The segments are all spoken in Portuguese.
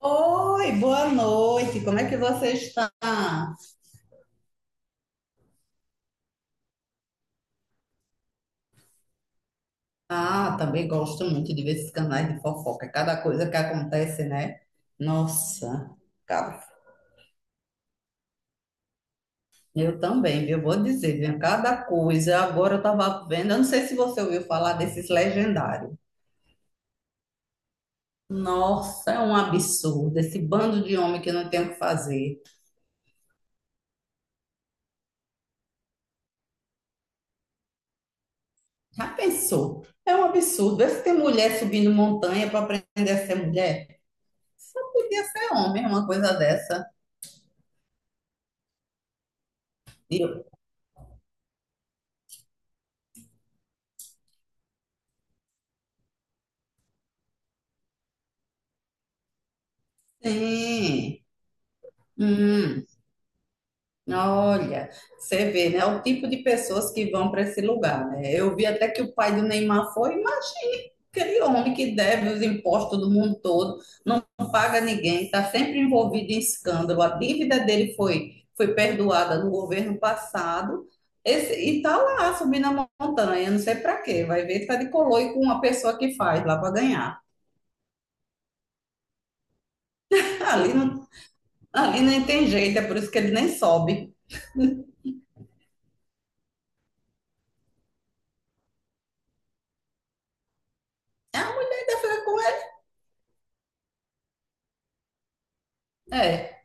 Oi, boa noite. Como é que você está? Ah, também gosto muito de ver esses canais de fofoca. Cada coisa que acontece, né? Nossa, cara, eu também, viu? Vou dizer, viu? Cada coisa. Agora eu tava vendo, eu não sei se você ouviu falar desses legendários. Nossa, é um absurdo. Esse bando de homem que não tem o que fazer. Já pensou? É um absurdo. Vê se tem mulher subindo montanha para aprender a ser mulher. Só podia ser homem, uma coisa dessa. Sim. Hum, olha, você vê, né? O tipo de pessoas que vão para esse lugar, né? Eu vi até que o pai do Neymar foi, imagine aquele homem que deve os impostos do mundo todo, não paga ninguém, está sempre envolvido em escândalo. A dívida dele foi perdoada no governo passado. Esse, e tá lá subindo a montanha, não sei para quê. Vai ver, tá de coloio com uma pessoa que faz lá para ganhar. Ali não, ali nem tem jeito, é por isso que ele nem sobe. Ah, fica. É,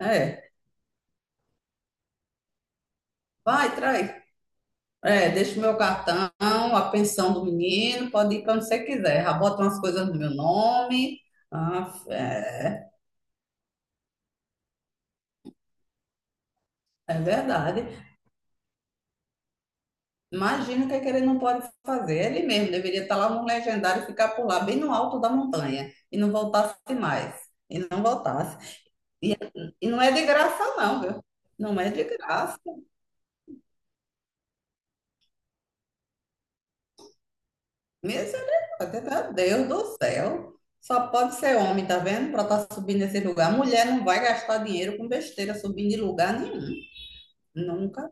é. Vai, traz. É, deixa o meu cartão, a pensão do menino, pode ir para onde você quiser. Já bota umas coisas no meu nome. Ah, é, é verdade. Imagina o que, é que ele não pode fazer. Ele mesmo deveria estar lá no legendário e ficar por lá, bem no alto da montanha, e não voltasse mais. E não voltasse. E não é de graça, não, viu? Não é de graça. Misericórdia, meu Deus do céu. Só pode ser homem, tá vendo? Pra estar subindo esse lugar. Mulher não vai gastar dinheiro com besteira subindo de lugar nenhum. Nunca,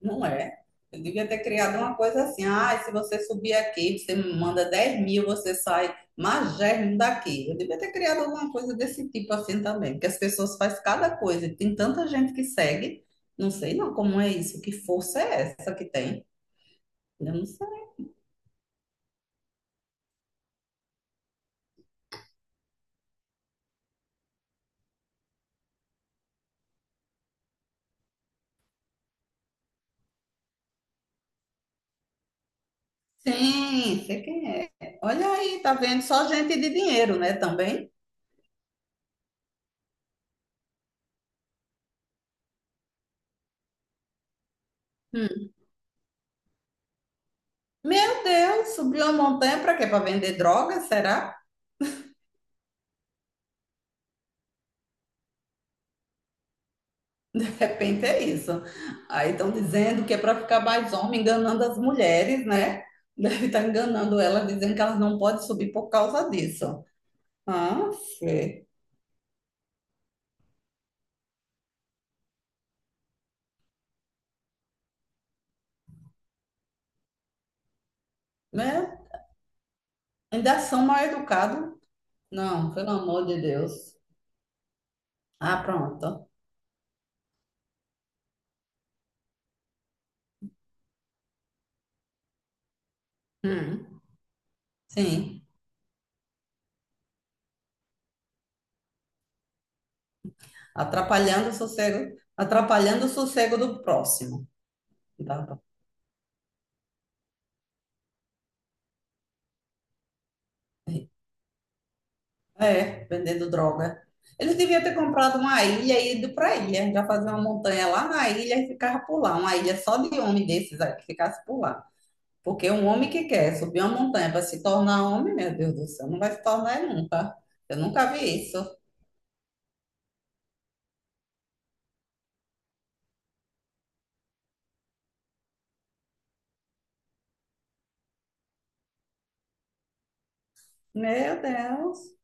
não é. Eu devia ter criado uma coisa assim. Ah, se você subir aqui, você me manda 10 mil, você sai magérrimo daqui. Eu devia ter criado alguma coisa desse tipo assim também. Porque as pessoas fazem cada coisa. Tem tanta gente que segue. Não sei não como é isso. Que força é essa que tem? Eu não sei. Sim, sei quem é. Olha aí, tá vendo? Só gente de dinheiro, né, também. Hum. Meu Deus, subiu a montanha para quê? Para vender drogas, será? De repente é isso. Aí estão dizendo que é para ficar mais homem, enganando as mulheres, né? Deve estar enganando elas, dizendo que elas não podem subir por causa disso. Ah, sei. Né? Ainda são mal educados. Não, pelo amor de Deus. Ah, pronto. Hum. Sim. Atrapalhando o sossego do próximo. Dá. É, vendendo droga. Eles deviam ter comprado uma ilha e ido para a ilha, já fazer uma montanha lá na ilha e ficava por lá. Uma ilha só de homem desses aí que ficasse por lá. Porque um homem que quer subir uma montanha para se tornar homem, meu Deus do céu, não vai se tornar nunca. Eu nunca vi isso. Meu Deus.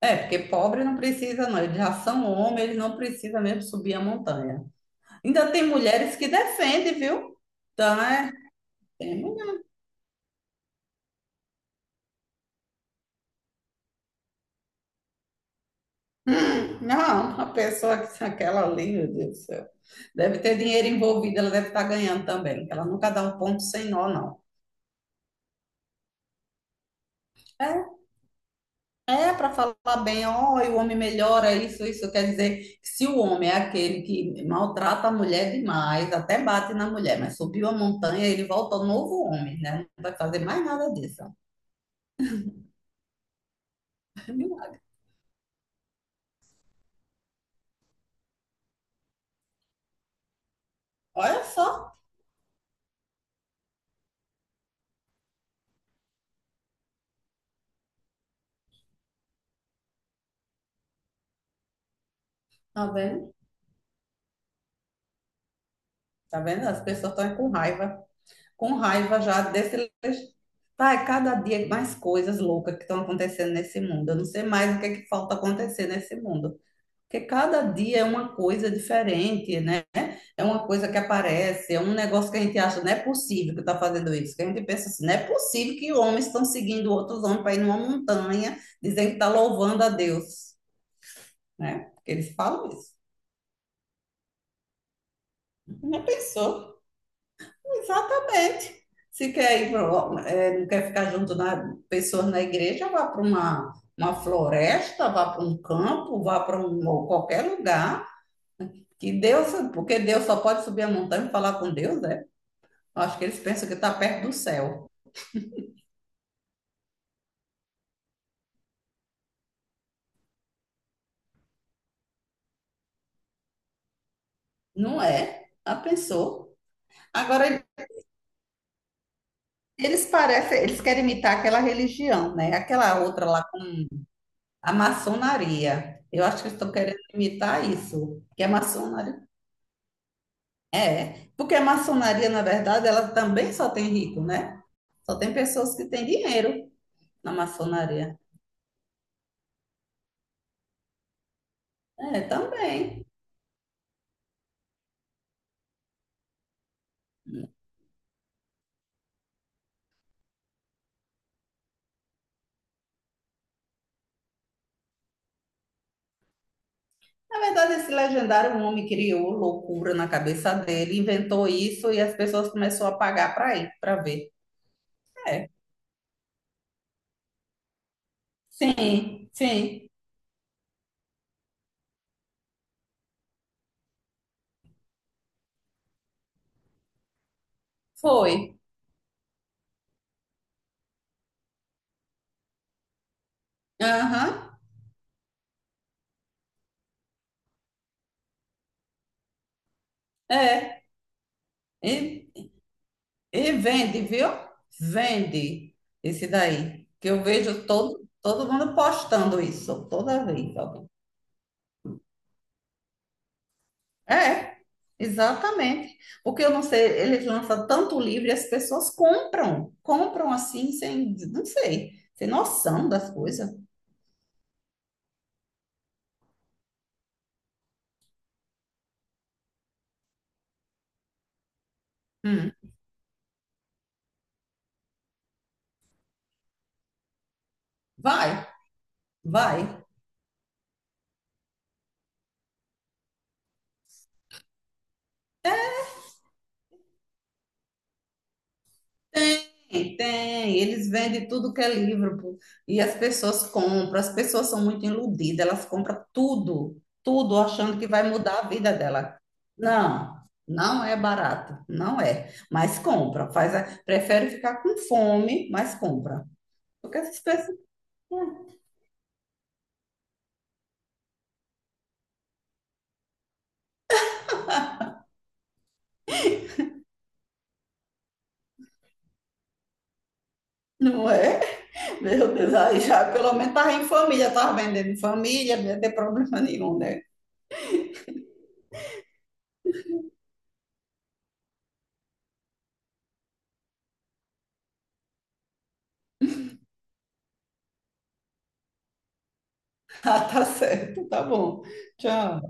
É, porque pobre não precisa, não. Eles já são homens, eles não precisam mesmo subir a montanha. Ainda tem mulheres que defendem, viu? Então, é, tem mulher. Não, uma pessoa que aquela ali, meu Deus do céu. Deve ter dinheiro envolvido, ela deve estar ganhando também. Ela nunca dá um ponto sem nó, não. É, é para falar bem, ó, e o homem melhora isso, isso quer dizer que se o homem é aquele que maltrata a mulher demais, até bate na mulher, mas subiu a montanha, ele volta novo homem, né? Não vai fazer mais nada disso. Ó. Milagre. Olha só, tá vendo? Tá vendo? As pessoas estão com raiva. Com raiva já desse. Tá, é cada dia é mais coisas loucas que estão acontecendo nesse mundo. Eu não sei mais o que é que falta acontecer nesse mundo. Porque cada dia é uma coisa diferente, né? É uma coisa que aparece, é um negócio que a gente acha, não é possível que está fazendo isso. Que a gente pensa assim, não é possível que homens estão seguindo outros homens para ir numa montanha, dizendo que está louvando a Deus, né? Porque eles falam isso. Não pensou? Exatamente. Se quer ir pro, é, não quer ficar junto na pessoas na igreja, vá para uma floresta, vá para um campo, vá para um ou qualquer lugar. Que Deus, porque Deus só pode subir a montanha e falar com Deus, né? Eu acho que eles pensam que está perto do céu. Não é? Já pensou? Agora eles parecem, eles querem imitar aquela religião, né? Aquela outra lá, a maçonaria. Eu acho que eles estão querendo imitar isso, que é maçonaria. É, porque a maçonaria, na verdade, ela também só tem rico, né? Só tem pessoas que têm dinheiro na maçonaria. É, também. Na verdade, esse legendário um homem criou loucura na cabeça dele, inventou isso e as pessoas começaram a pagar para ir, para ver. É, sim, sim, foi. Aham, é. E, e vende, viu? Vende esse daí. Que eu vejo todo, todo mundo postando isso, toda vez. É, exatamente. Porque eu não sei, eles lançam tanto livro e as pessoas compram, compram assim, sem, não sei, sem noção das coisas. Hum, Vai, vai. Tem, tem. Eles vendem tudo que é livro, pô. E as pessoas compram. As pessoas são muito iludidas, elas compram tudo, tudo, achando que vai mudar a vida dela. Não, não é barato, não é. Mas compra, faz a- prefere ficar com fome, mas compra. Porque essas pessoas. Não é? Meu Deus, aí já pelo menos estava em família, estava vendendo em família, não ia ter problema nenhum, né? Ah, tá certo, tá bom. Tchau.